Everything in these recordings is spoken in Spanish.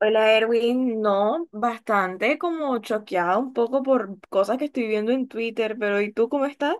Hola Erwin, no, bastante como choqueada un poco por cosas que estoy viendo en Twitter, pero ¿y tú cómo estás?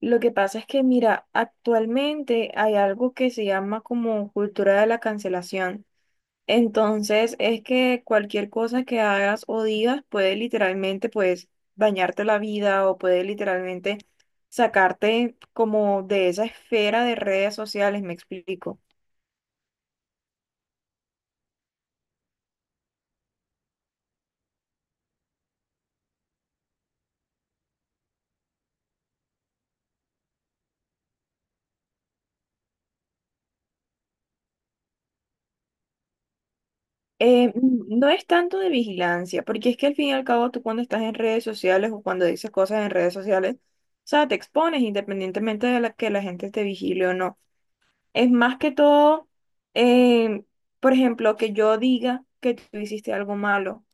Lo que pasa es que, mira, actualmente hay algo que se llama como cultura de la cancelación. Entonces, es que cualquier cosa que hagas o digas puede literalmente, pues, dañarte la vida o puede literalmente sacarte como de esa esfera de redes sociales, me explico. No es tanto de vigilancia, porque es que al fin y al cabo tú cuando estás en redes sociales o cuando dices cosas en redes sociales, o sea, te expones independientemente de la, que la gente te vigile o no. Es más que todo, eh, por ejemplo, que yo diga que tú hiciste algo malo,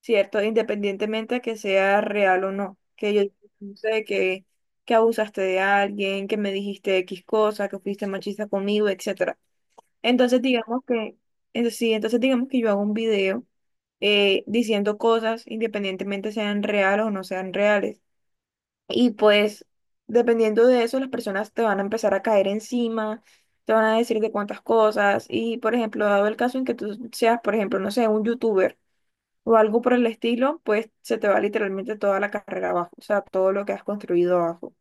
¿cierto? Independientemente de que sea real o no, que yo no sé que abusaste de alguien, que me dijiste X cosa, que fuiste machista conmigo, etc. Entonces digamos que, entonces digamos que yo hago un video diciendo cosas independientemente sean reales o no sean reales. Y pues dependiendo de eso, las personas te van a empezar a caer encima, te van a decir de cuántas cosas. Y por ejemplo, dado el caso en que tú seas, por ejemplo, no sé, un youtuber o algo por el estilo, pues se te va literalmente toda la carrera abajo, o sea, todo lo que has construido abajo.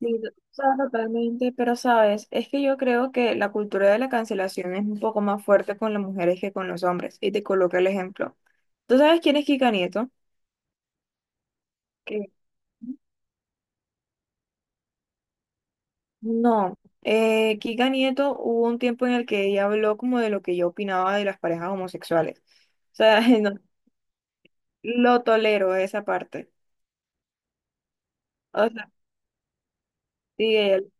Sí, o sea, totalmente, pero sabes, es que yo creo que la cultura de la cancelación es un poco más fuerte con las mujeres que con los hombres, y te coloco el ejemplo. ¿Tú sabes quién es Kika Nieto? Que no, Kika Nieto hubo un tiempo en el que ella habló como de lo que yo opinaba de las parejas homosexuales. O sea, no, lo tolero esa parte. O sea, sí, él.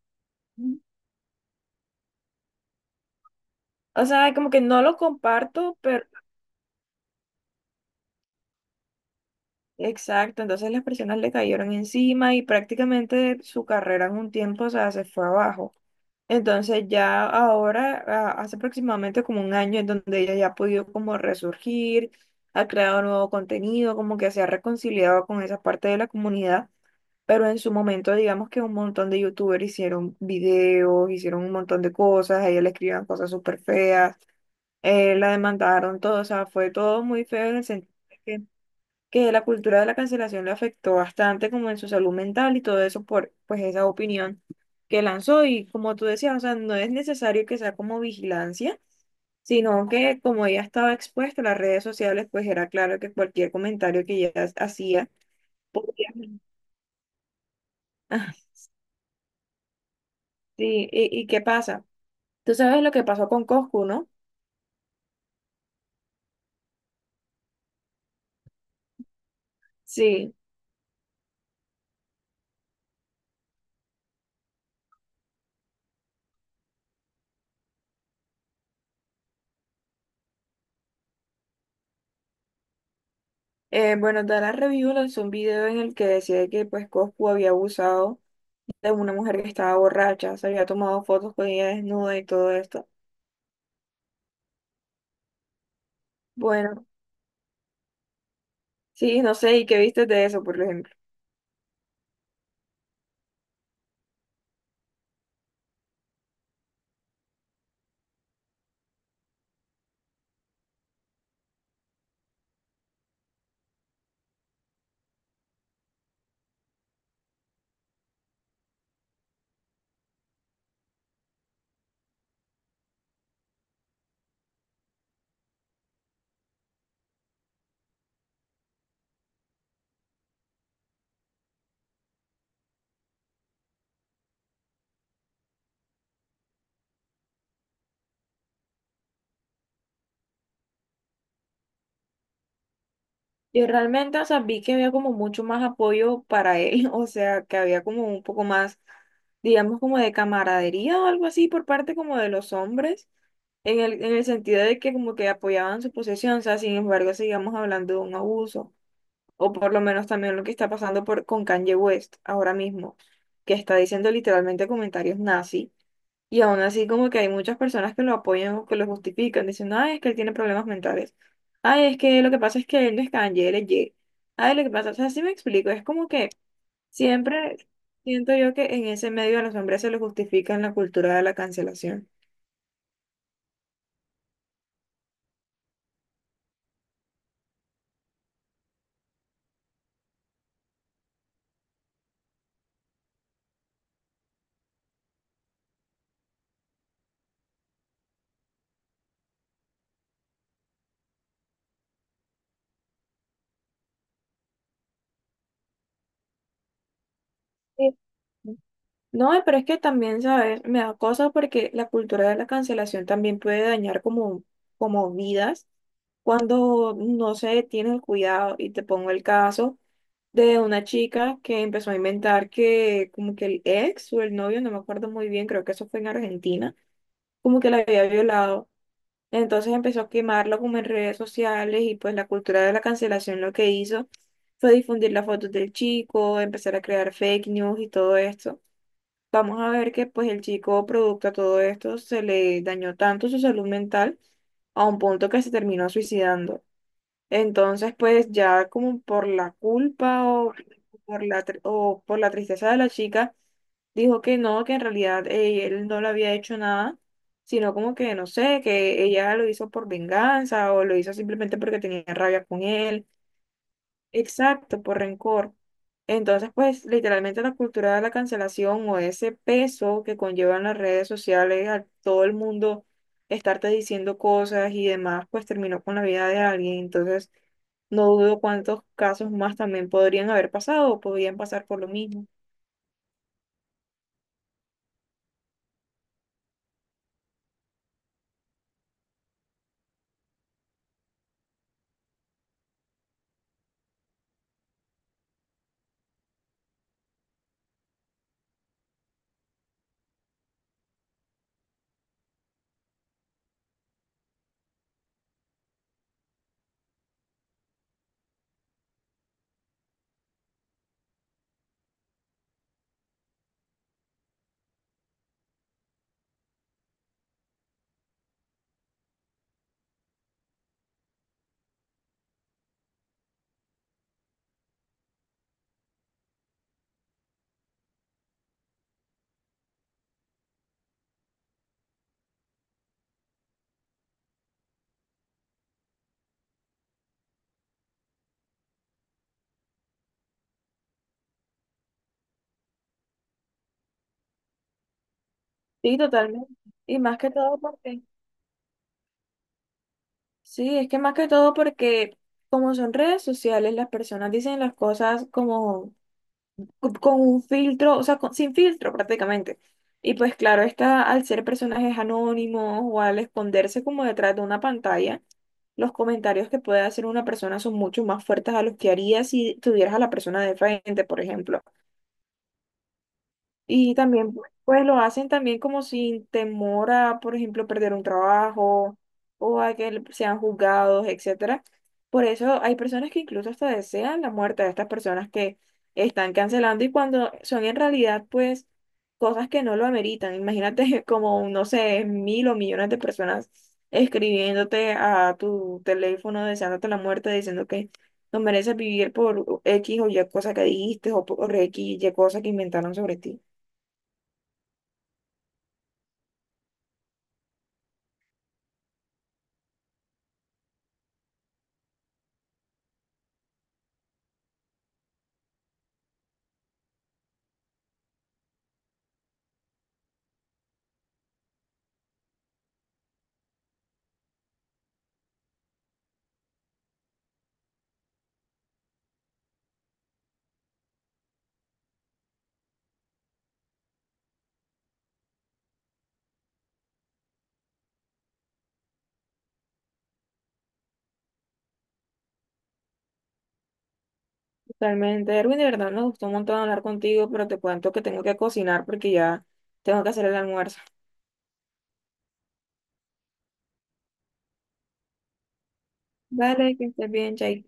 O sea, como que no lo comparto, pero exacto, entonces las personas le cayeron encima y prácticamente su carrera en un tiempo, o sea, se fue abajo. Entonces ya ahora, hace aproximadamente como un año, en donde ella ya ha podido como resurgir, ha creado nuevo contenido, como que se ha reconciliado con esa parte de la comunidad, pero en su momento digamos que un montón de youtubers hicieron videos, hicieron un montón de cosas, a ella le escribían cosas súper feas, la demandaron todo, o sea, fue todo muy feo en el sentido que la cultura de la cancelación le afectó bastante como en su salud mental y todo eso por pues esa opinión que lanzó y como tú decías, o sea, no es necesario que sea como vigilancia, sino que como ella estaba expuesta a las redes sociales, pues era claro que cualquier comentario que ella hacía podía... Ah, sí, ¿y qué pasa? Tú sabes lo que pasó con Coscu, ¿no? Sí. Bueno, Dara Review lanzó un video en el que decía que pues Coscu había abusado de una mujer que estaba borracha, se había tomado fotos con ella desnuda y todo esto. Bueno, sí, no sé, ¿y qué viste de eso, por ejemplo? Y realmente, o sea, vi que había como mucho más apoyo para él, o sea, que había como un poco más, digamos, como de camaradería o algo así por parte como de los hombres, en el sentido de que como que apoyaban su posesión, o sea, sin embargo, sigamos hablando de un abuso, o por lo menos también lo que está pasando por, con Kanye West ahora mismo, que está diciendo literalmente comentarios nazi. Y aún así como que hay muchas personas que lo apoyan o que lo justifican, diciendo, ay, es que él tiene problemas mentales. Ay, es que lo que pasa es que él no es canje, él es ye. Ay, lo que pasa, o sea, sí me explico, es como que siempre siento yo que en ese medio a los hombres se les justifica en la cultura de la cancelación. Sí. No, pero es que también, ¿sabes? Me da cosa porque la cultura de la cancelación también puede dañar como, como vidas cuando no se tiene el cuidado y te pongo el caso de una chica que empezó a inventar que como que el ex o el novio, no me acuerdo muy bien, creo que eso fue en Argentina, como que la había violado. Entonces empezó a quemarlo como en redes sociales y pues la cultura de la cancelación lo que hizo fue difundir las fotos del chico, empezar a crear fake news y todo esto. Vamos a ver que pues el chico, producto a todo esto, se le dañó tanto su salud mental a un punto que se terminó suicidando. Entonces, pues ya como por la culpa o por la, o por la tristeza de la chica, dijo que no, que en realidad él no le había hecho nada, sino como que, no sé, que ella lo hizo por venganza o lo hizo simplemente porque tenía rabia con él. Exacto, por rencor. Entonces, pues literalmente la cultura de la cancelación o ese peso que conllevan las redes sociales, a todo el mundo estarte diciendo cosas y demás, pues terminó con la vida de alguien. Entonces, no dudo cuántos casos más también podrían haber pasado o podrían pasar por lo mismo. Sí, totalmente. Y más que todo porque, sí, es que más que todo porque como son redes sociales, las personas dicen las cosas como con un filtro, o sea, sin filtro prácticamente. Y pues claro, está, al ser personajes anónimos o al esconderse como detrás de una pantalla, los comentarios que puede hacer una persona son mucho más fuertes a los que haría si tuvieras a la persona de frente, por ejemplo. Y también, pues lo hacen también como sin temor a, por ejemplo, perder un trabajo o a que sean juzgados, etcétera. Por eso hay personas que incluso hasta desean la muerte de estas personas que están cancelando y cuando son en realidad, pues, cosas que no lo ameritan. Imagínate como, no sé, mil o millones de personas escribiéndote a tu teléfono, deseándote la muerte, diciendo que no mereces vivir por X o Y cosa que dijiste o por X y Y cosa que inventaron sobre ti. Totalmente, Erwin, de verdad me gustó un montón hablar contigo, pero te cuento que tengo que cocinar porque ya tengo que hacer el almuerzo. Vale que estés bien, Chay.